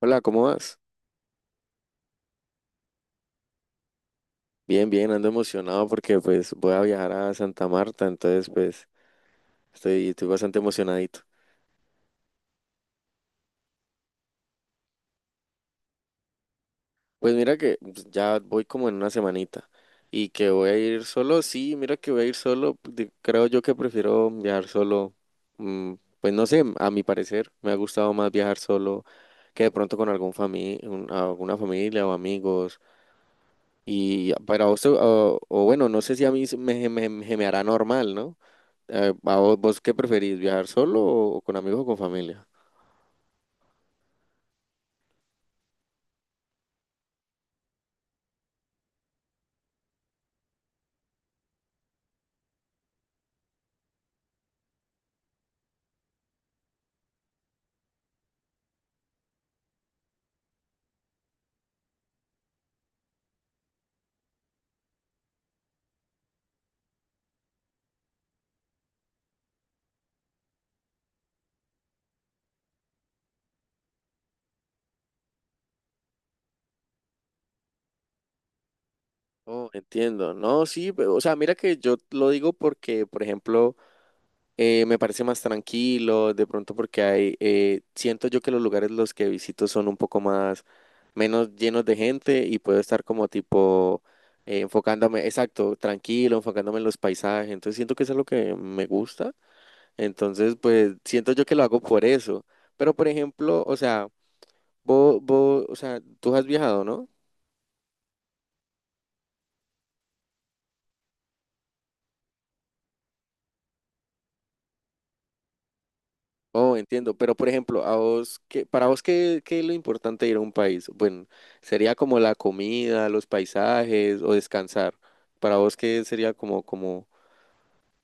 Hola, ¿cómo vas? Bien, bien, ando emocionado porque pues voy a viajar a Santa Marta, entonces pues estoy bastante emocionadito. Pues mira que pues, ya voy como en una semanita y que voy a ir solo, sí, mira que voy a ir solo, creo yo que prefiero viajar solo, mm, pues no sé, a mi parecer me ha gustado más viajar solo que de pronto con alguna familia o amigos y para vos, o bueno, no sé si a mí se me hará normal, ¿no? ¿A vos qué preferís, viajar solo o con amigos o con familia? Oh, entiendo. No, sí, o sea, mira que yo lo digo porque, por ejemplo, me parece más tranquilo, de pronto porque hay, siento yo que los lugares los que visito son un poco más, menos llenos de gente y puedo estar como tipo enfocándome, exacto, tranquilo, enfocándome en los paisajes, entonces siento que eso es lo que me gusta, entonces pues siento yo que lo hago por eso, pero por ejemplo, o sea... Vos, o sea, tú has viajado, ¿no? Oh, entiendo, pero por ejemplo, a vos, para vos ¿qué es lo importante de ir a un país? Bueno, sería como la comida, los paisajes o descansar. Para vos, ¿qué sería como, como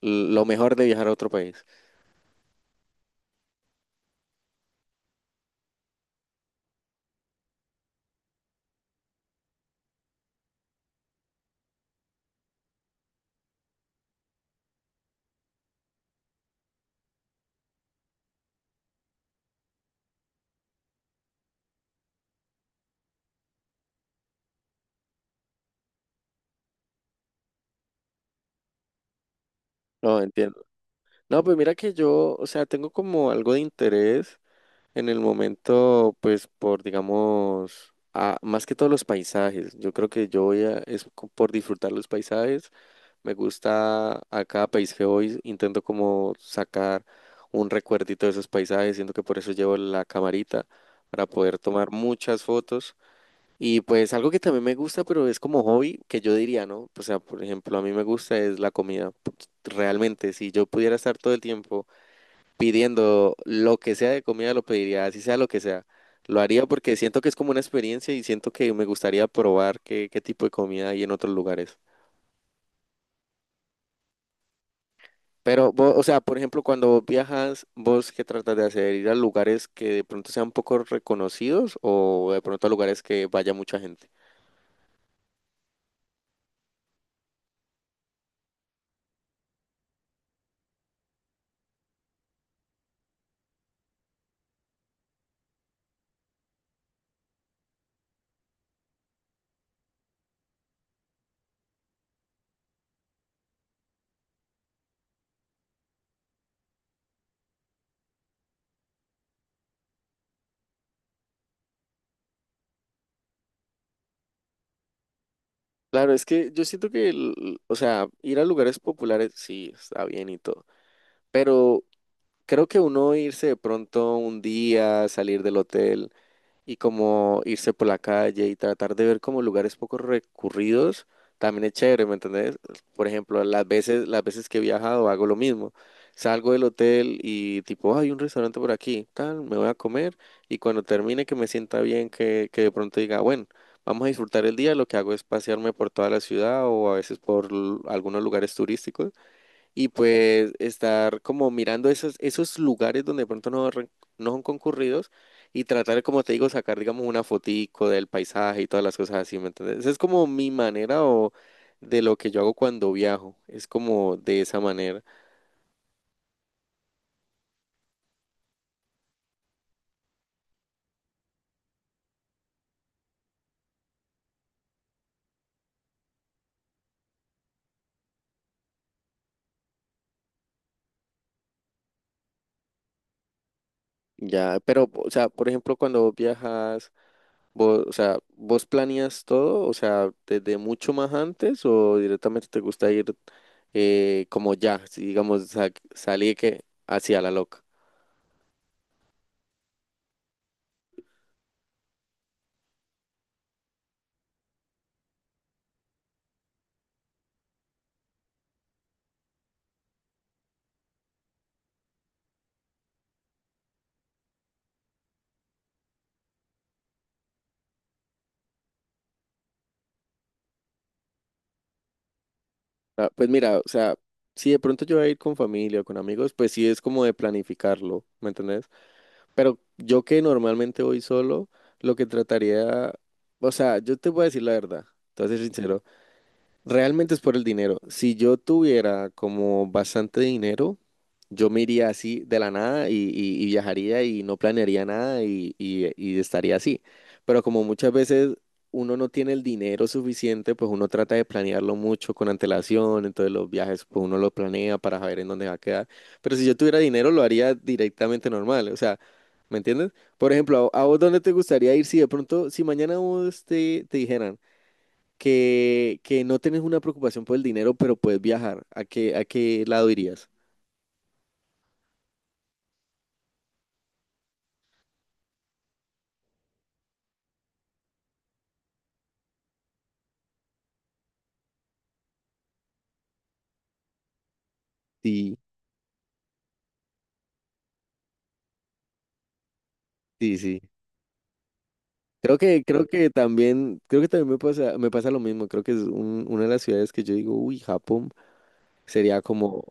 lo mejor de viajar a otro país? No, entiendo. No, pues mira que yo, o sea, tengo como algo de interés. En el momento, pues por, digamos, más que todos los paisajes, yo creo que yo voy a, por disfrutar los paisajes, me gusta a cada país que voy, intento como sacar un recuerdito de esos paisajes, siento que por eso llevo la camarita, para poder tomar muchas fotos. Y pues algo que también me gusta, pero es como hobby, que yo diría, ¿no? O sea, por ejemplo, a mí me gusta es la comida. Realmente, si yo pudiera estar todo el tiempo pidiendo lo que sea de comida, lo pediría, así sea lo que sea. Lo haría porque siento que es como una experiencia y siento que me gustaría probar qué tipo de comida hay en otros lugares. Pero, vos, o sea, por ejemplo, cuando vos viajas, ¿vos qué tratas de hacer? ¿Ir a lugares que de pronto sean poco reconocidos o de pronto a lugares que vaya mucha gente? Claro, es que yo siento que, o sea, ir a lugares populares sí está bien y todo, pero creo que uno irse de pronto un día, salir del hotel, y como irse por la calle y tratar de ver como lugares poco recurridos, también es chévere, ¿me entendés? Por ejemplo, las veces que he viajado hago lo mismo. Salgo del hotel y tipo, "Ah, hay un restaurante por aquí, tal, me voy a comer y cuando termine que me sienta bien, que de pronto diga, bueno, vamos a disfrutar el día", lo que hago es pasearme por toda la ciudad o a veces por algunos lugares turísticos y pues estar como mirando esos lugares donde de pronto no son concurridos y tratar, como te digo, sacar, digamos, una fotico del paisaje y todas las cosas así, ¿me entiendes? Esa es como mi manera o de lo que yo hago cuando viajo, es como de esa manera. Ya, pero, o sea, por ejemplo, cuando vos viajas, vos, o sea, ¿vos planeas todo? O sea, ¿desde mucho más antes o directamente te gusta ir como ya, si digamos, salir que hacia la loca? Ah, pues mira, o sea, si de pronto yo voy a ir con familia o con amigos, pues sí es como de planificarlo, ¿me entendés? Pero yo que normalmente voy solo, lo que trataría, o sea, yo te voy a decir la verdad, te voy a ser sincero, realmente es por el dinero. Si yo tuviera como bastante dinero, yo me iría así de la nada y viajaría y no planearía nada y estaría así. Pero como muchas veces uno no tiene el dinero suficiente, pues uno trata de planearlo mucho con antelación, entonces los viajes pues uno lo planea para saber en dónde va a quedar. Pero si yo tuviera dinero lo haría directamente normal, o sea, ¿me entiendes? Por ejemplo, a vos dónde te gustaría ir si de pronto, si mañana vos te dijeran que no tenés una preocupación por el dinero, pero puedes viajar, a qué lado irías? Sí, sí, sí. Creo que también me pasa lo mismo. Creo que es una de las ciudades que yo digo, uy, Japón sería como,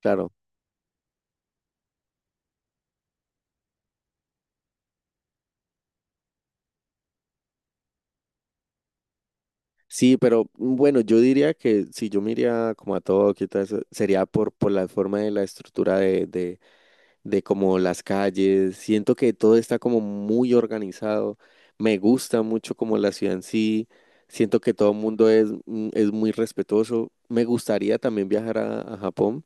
claro, sí, pero bueno, yo diría que si yo me iría como a Tokio y todo eso, sería por la forma de la estructura de como las calles. Siento que todo está como muy organizado. Me gusta mucho como la ciudad en sí. Siento que todo el mundo es, es muy respetuoso. Me gustaría también viajar a Japón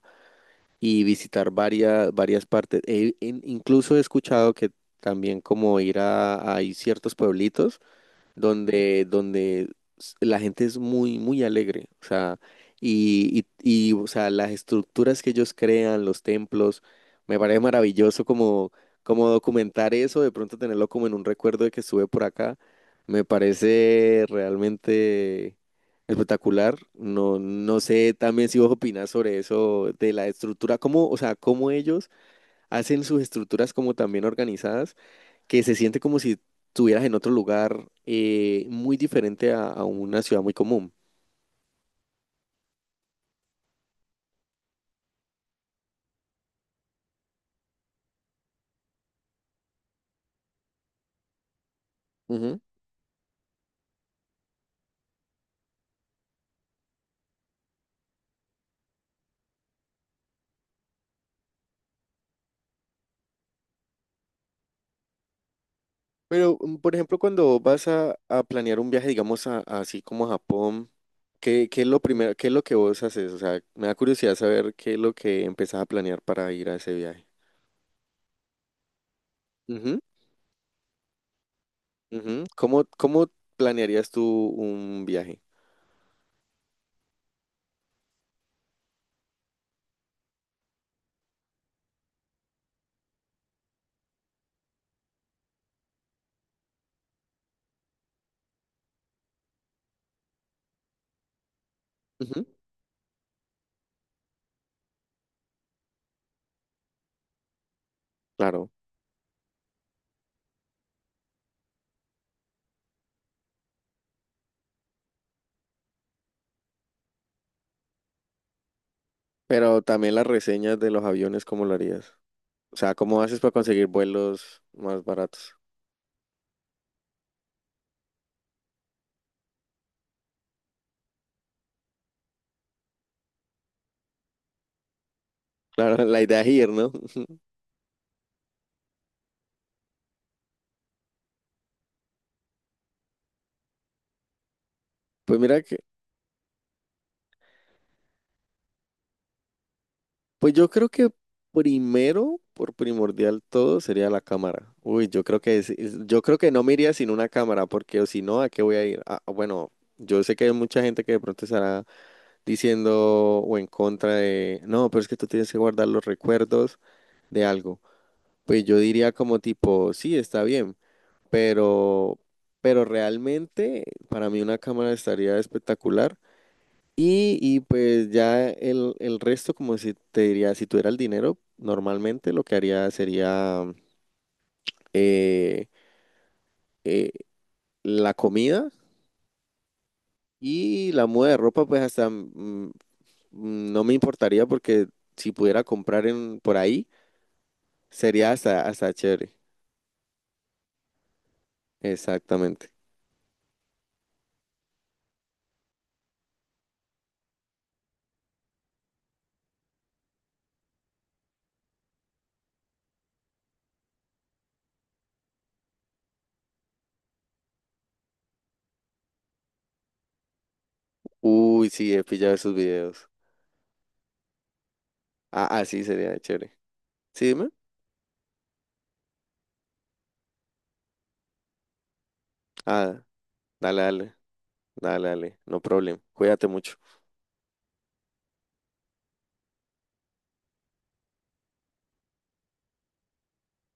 y visitar varias partes. Incluso he escuchado que también como ir a, hay ciertos pueblitos donde la gente es muy, muy alegre, o sea, o sea, las estructuras que ellos crean, los templos, me parece maravilloso como, como documentar eso, de pronto tenerlo como en un recuerdo de que estuve por acá, me parece realmente espectacular. No, no sé también si vos opinás sobre eso, de la estructura, cómo, o sea, cómo ellos hacen sus estructuras como también organizadas que se siente como si estuvieras en otro lugar muy diferente a una ciudad muy común. Ujú. Pero, por ejemplo, cuando vas a planear un viaje, digamos, así como a Japón, ¿qué, qué es lo primero, qué es lo que vos haces? O sea, me da curiosidad saber qué es lo que empezás a planear para ir a ese viaje. Ujú, ujú. ¿Cómo, cómo planearías tú un viaje? Ujú. Claro, pero también las reseñas de los aviones, ¿cómo lo harías? O sea, ¿cómo haces para conseguir vuelos más baratos? Claro, la idea es ir, ¿no? Pues mira que, pues yo creo que primero, por primordial todo, sería la cámara. Uy, yo creo que yo creo que no me iría sin una cámara, porque o si no, ¿a qué voy a ir? Ah, bueno, yo sé que hay mucha gente que de pronto estará diciendo o en contra de, no, pero es que tú tienes que guardar los recuerdos de algo. Pues yo diría como tipo, sí, está bien, pero, pero realmente para mí una cámara estaría espectacular. Y pues ya el resto, como si te diría, si tuviera el dinero, normalmente lo que haría sería eh, eh, la comida y la muda de ropa, pues hasta no me importaría porque si pudiera comprar en, por ahí, sería hasta, hasta chévere. Exactamente. Uy, sí, he pillado esos videos. Ah, así sería chévere. Sí, dime. Ah, dale, dale, dale, dale. No problem. Cuídate mucho.